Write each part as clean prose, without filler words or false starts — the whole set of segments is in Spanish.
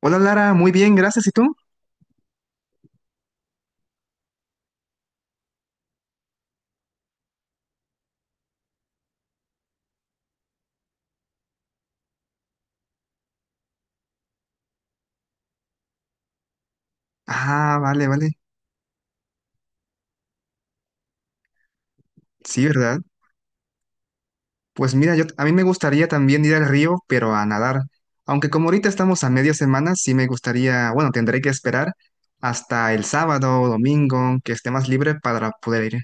Hola Lara, muy bien, gracias. ¿Y tú? Ah, vale, vale. Sí, ¿verdad? Pues mira, yo a mí me gustaría también ir al río, pero a nadar. Aunque como ahorita estamos a media semana, sí me gustaría, bueno, tendré que esperar hasta el sábado o domingo que esté más libre para poder ir.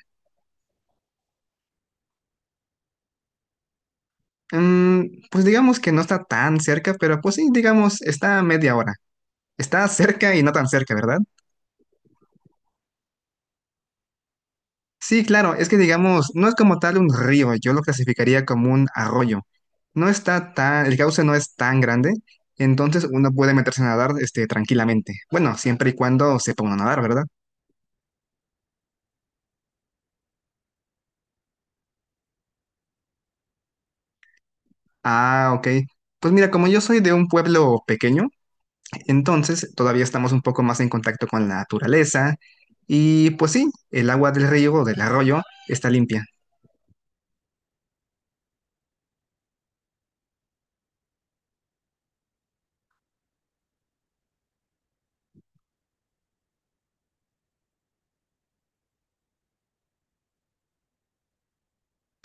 Mm, pues digamos que no está tan cerca, pero pues sí, digamos, está a media hora. Está cerca y no tan cerca, ¿verdad? Sí, claro, es que digamos, no es como tal un río, yo lo clasificaría como un arroyo. No está tan, el cauce no es tan grande, entonces uno puede meterse a nadar tranquilamente. Bueno, siempre y cuando sepa uno nadar, ¿verdad? Ah, ok. Pues mira, como yo soy de un pueblo pequeño, entonces todavía estamos un poco más en contacto con la naturaleza y pues sí, el agua del río o del arroyo está limpia.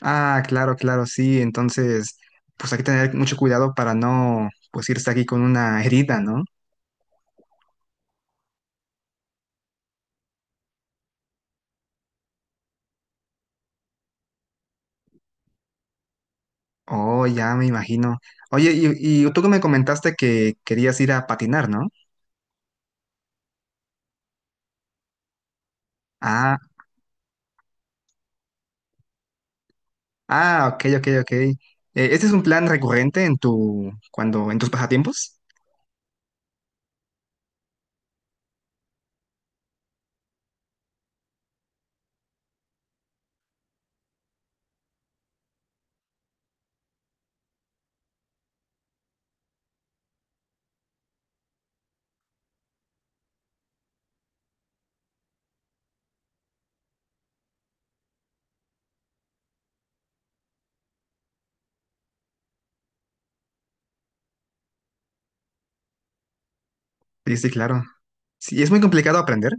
Ah, claro, claro, sí. Entonces, pues hay que tener mucho cuidado para no, pues irse aquí con una herida, ¿no? Oh, ya me imagino. Oye, y tú que me comentaste que querías ir a patinar, ¿no? Ah, ah, ok, ok, ok. ¿Este es un plan recurrente en tu, cuando, en tus pasatiempos? Sí, sí, claro. Sí, es muy complicado aprender.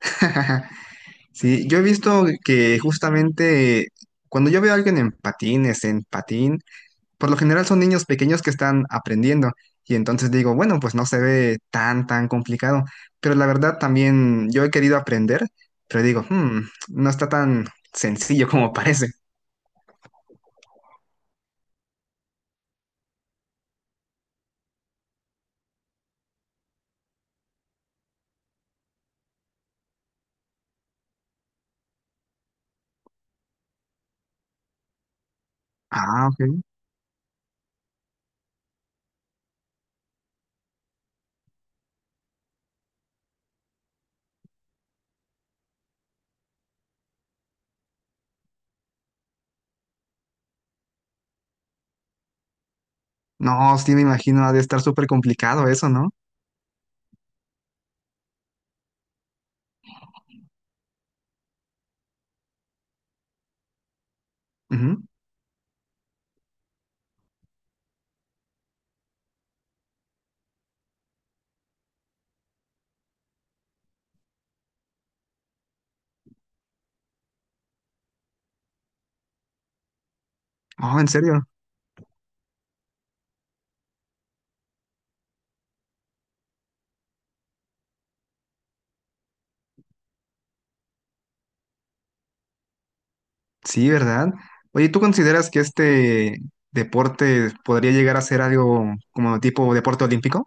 Sí, yo he visto que justamente cuando yo veo a alguien en patines, en patín, por lo general son niños pequeños que están aprendiendo. Y entonces digo, bueno, pues no se ve tan, tan complicado. Pero la verdad también yo he querido aprender, pero digo, "Hmm, no está tan sencillo como parece. Ah, ok. No, sí me imagino, ha de estar súper complicado eso, ¿no? Ujú. Oh, en serio. Sí, ¿verdad? Oye, ¿tú consideras que este deporte podría llegar a ser algo como tipo deporte olímpico?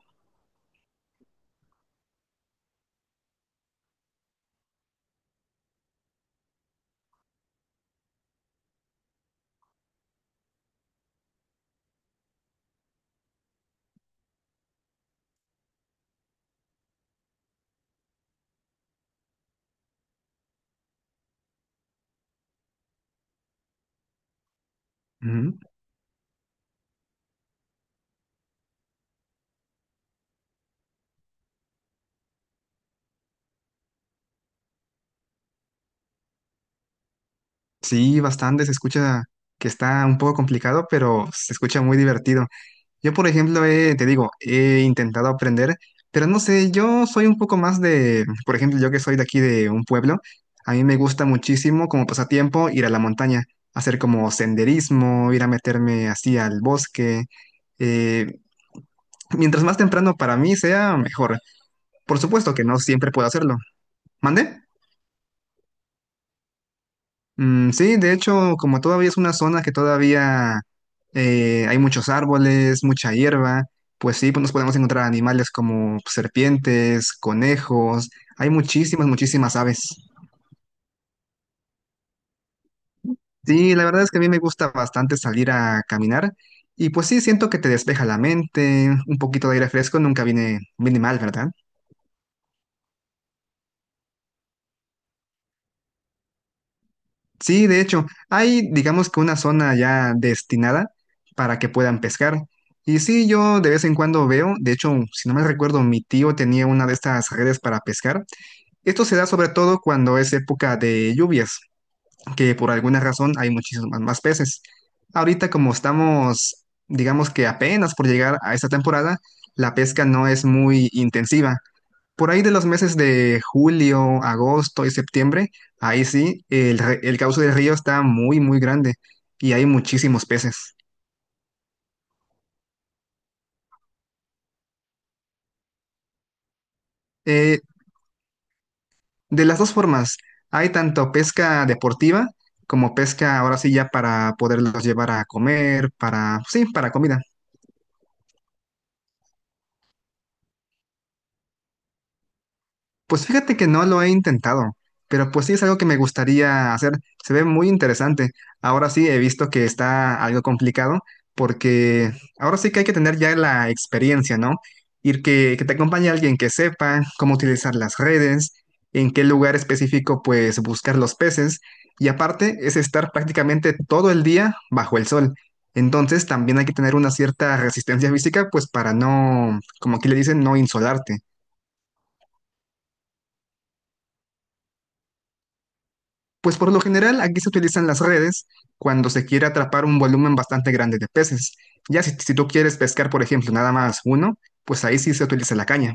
Ujú. Sí, bastante. Se escucha que está un poco complicado, pero se escucha muy divertido. Yo, por ejemplo, te digo, he intentado aprender, pero no sé, yo soy un poco más de, por ejemplo, yo que soy de aquí de un pueblo, a mí me gusta muchísimo como pasatiempo ir a la montaña, hacer como senderismo, ir a meterme así al bosque. eh, Mientras más temprano para mí sea, mejor. Por supuesto que no siempre puedo hacerlo. ¿Mande? Mm, sí, de hecho, como todavía es una zona que todavía hay muchos árboles, mucha hierba, pues sí, pues nos podemos encontrar animales como serpientes, conejos, hay muchísimas, muchísimas aves. Sí, la verdad es que a mí me gusta bastante salir a caminar y pues sí, siento que te despeja la mente, un poquito de aire fresco nunca viene, mal, ¿verdad? Sí, de hecho, hay, digamos que una zona ya destinada para que puedan pescar. Y sí, yo de vez en cuando veo, de hecho, si no me recuerdo, mi tío tenía una de estas redes para pescar. Esto se da sobre todo cuando es época de lluvias, que por alguna razón hay muchísimos más peces. Ahorita como estamos, digamos que apenas por llegar a esta temporada, la pesca no es muy intensiva. Por ahí de los meses de julio, agosto y septiembre, ahí sí, el cauce del río está muy, muy grande y hay muchísimos peces. Eh, de las dos formas, hay tanto pesca deportiva como pesca ahora sí ya para poderlos llevar a comer, para, sí, para comida. Pues fíjate que no lo he intentado, pero pues sí es algo que me gustaría hacer. Se ve muy interesante. Ahora sí he visto que está algo complicado porque ahora sí que hay que tener ya la experiencia, ¿no? Ir que te acompañe alguien que sepa cómo utilizar las redes, en qué lugar específico pues buscar los peces y aparte es estar prácticamente todo el día bajo el sol. Entonces también hay que tener una cierta resistencia física pues para no, como aquí le dicen, no insolarte. Pues por lo general aquí se utilizan las redes cuando se quiere atrapar un volumen bastante grande de peces. Ya si tú quieres pescar, por ejemplo, nada más uno, pues ahí sí se utiliza la caña.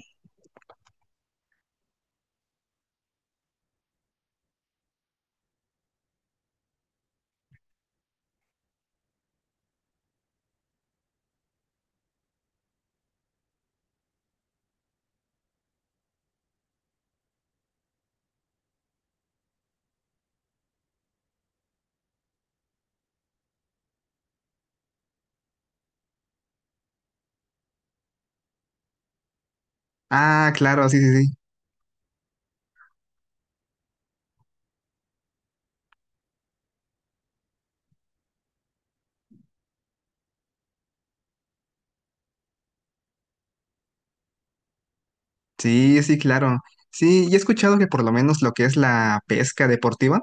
Ah, claro, sí, sí, sí. Sí, sí, claro. Sí, y he escuchado que por lo menos lo que es la pesca deportiva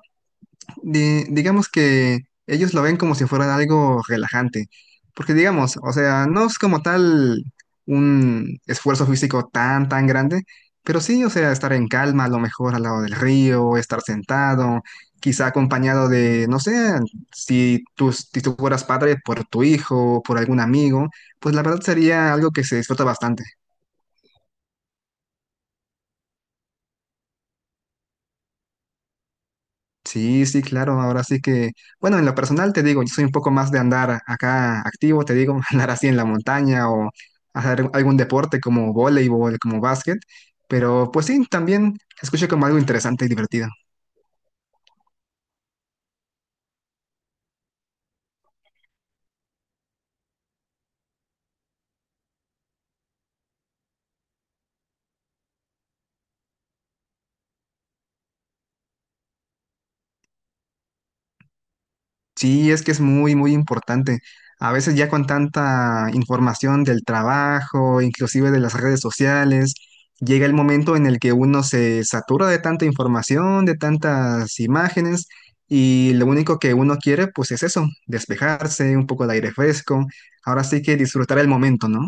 digamos que ellos lo ven como si fuera algo relajante, porque digamos, o sea, no es como tal un esfuerzo físico tan, tan grande, pero sí, o sea, estar en calma, a lo mejor al lado del río, estar sentado, quizá acompañado de, no sé, si tú fueras padre por tu hijo, por algún amigo, pues la verdad sería algo que se disfruta bastante. Sí, sí, claro. Ahora sí que, bueno, en lo personal te digo, yo soy un poco más de andar acá activo, te digo, andar así en la montaña o hacer algún deporte como voleibol, como básquet. Pero pues sí, también escucho como algo interesante y divertido. Sí, es que es muy, muy importante. A veces ya con tanta información del trabajo, inclusive de las redes sociales, llega el momento en el que uno se satura de tanta información, de tantas imágenes, y lo único que uno quiere, pues es eso, despejarse, un poco de aire fresco. Ahora sí que disfrutar el momento, ¿no?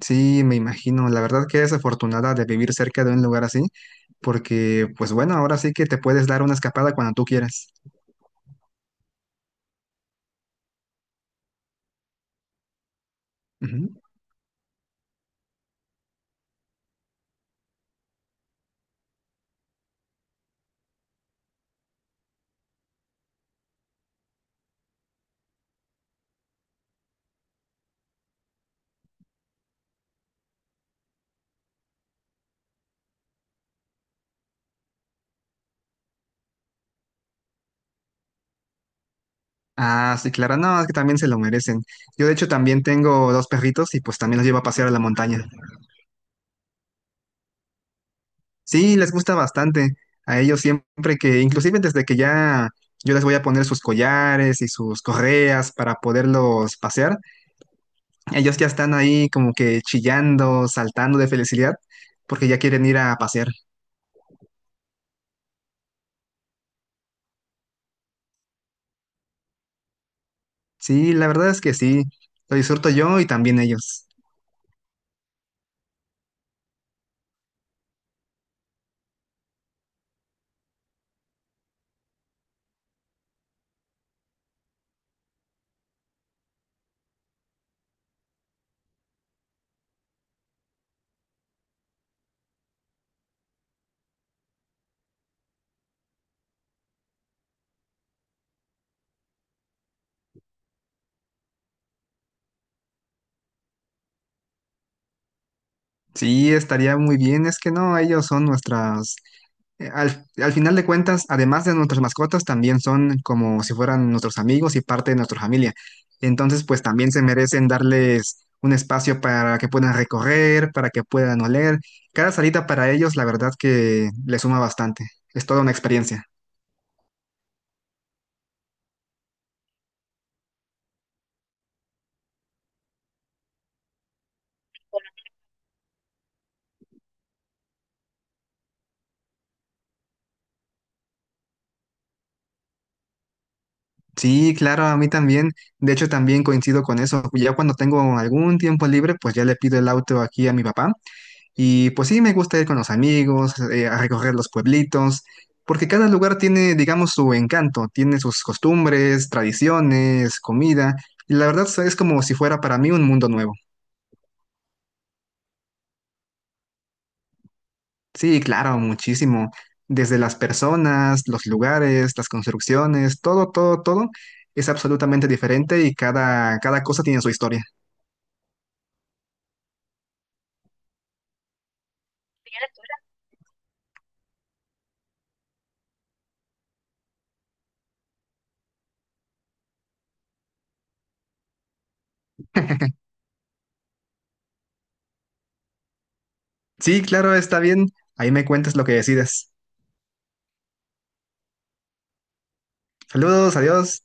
Sí, me imagino. La verdad que es afortunada de vivir cerca de un lugar así, porque, pues bueno, ahora sí que te puedes dar una escapada cuando tú quieras. Ah, sí, claro, no, es que también se lo merecen. Yo de hecho también tengo dos perritos y pues también los llevo a pasear a la montaña. Sí, les gusta bastante. A ellos siempre que, inclusive desde que ya yo les voy a poner sus collares y sus correas para poderlos pasear, ellos ya están ahí como que chillando, saltando de felicidad porque ya quieren ir a pasear. Sí, la verdad es que sí, lo disfruto yo y también ellos. Sí, estaría muy bien. Es que no, ellos son nuestras, al final de cuentas, además de nuestras mascotas, también son como si fueran nuestros amigos y parte de nuestra familia. Entonces, pues también se merecen darles un espacio para que puedan recorrer, para que puedan oler. Cada salita para ellos, la verdad que le suma bastante. Es toda una experiencia. Sí, claro, a mí también. De hecho, también coincido con eso. Ya cuando tengo algún tiempo libre, pues ya le pido el auto aquí a mi papá. Y pues sí, me gusta ir con los amigos, a recorrer los pueblitos, porque cada lugar tiene, digamos, su encanto, tiene sus costumbres, tradiciones, comida, y la verdad es como si fuera para mí un mundo nuevo. Sí, claro, muchísimo. Desde las personas, los lugares, las construcciones, todo, todo, todo es absolutamente diferente y cada cosa tiene su historia. Sí, claro, está bien. Ahí me cuentas lo que decides. Saludos, adiós.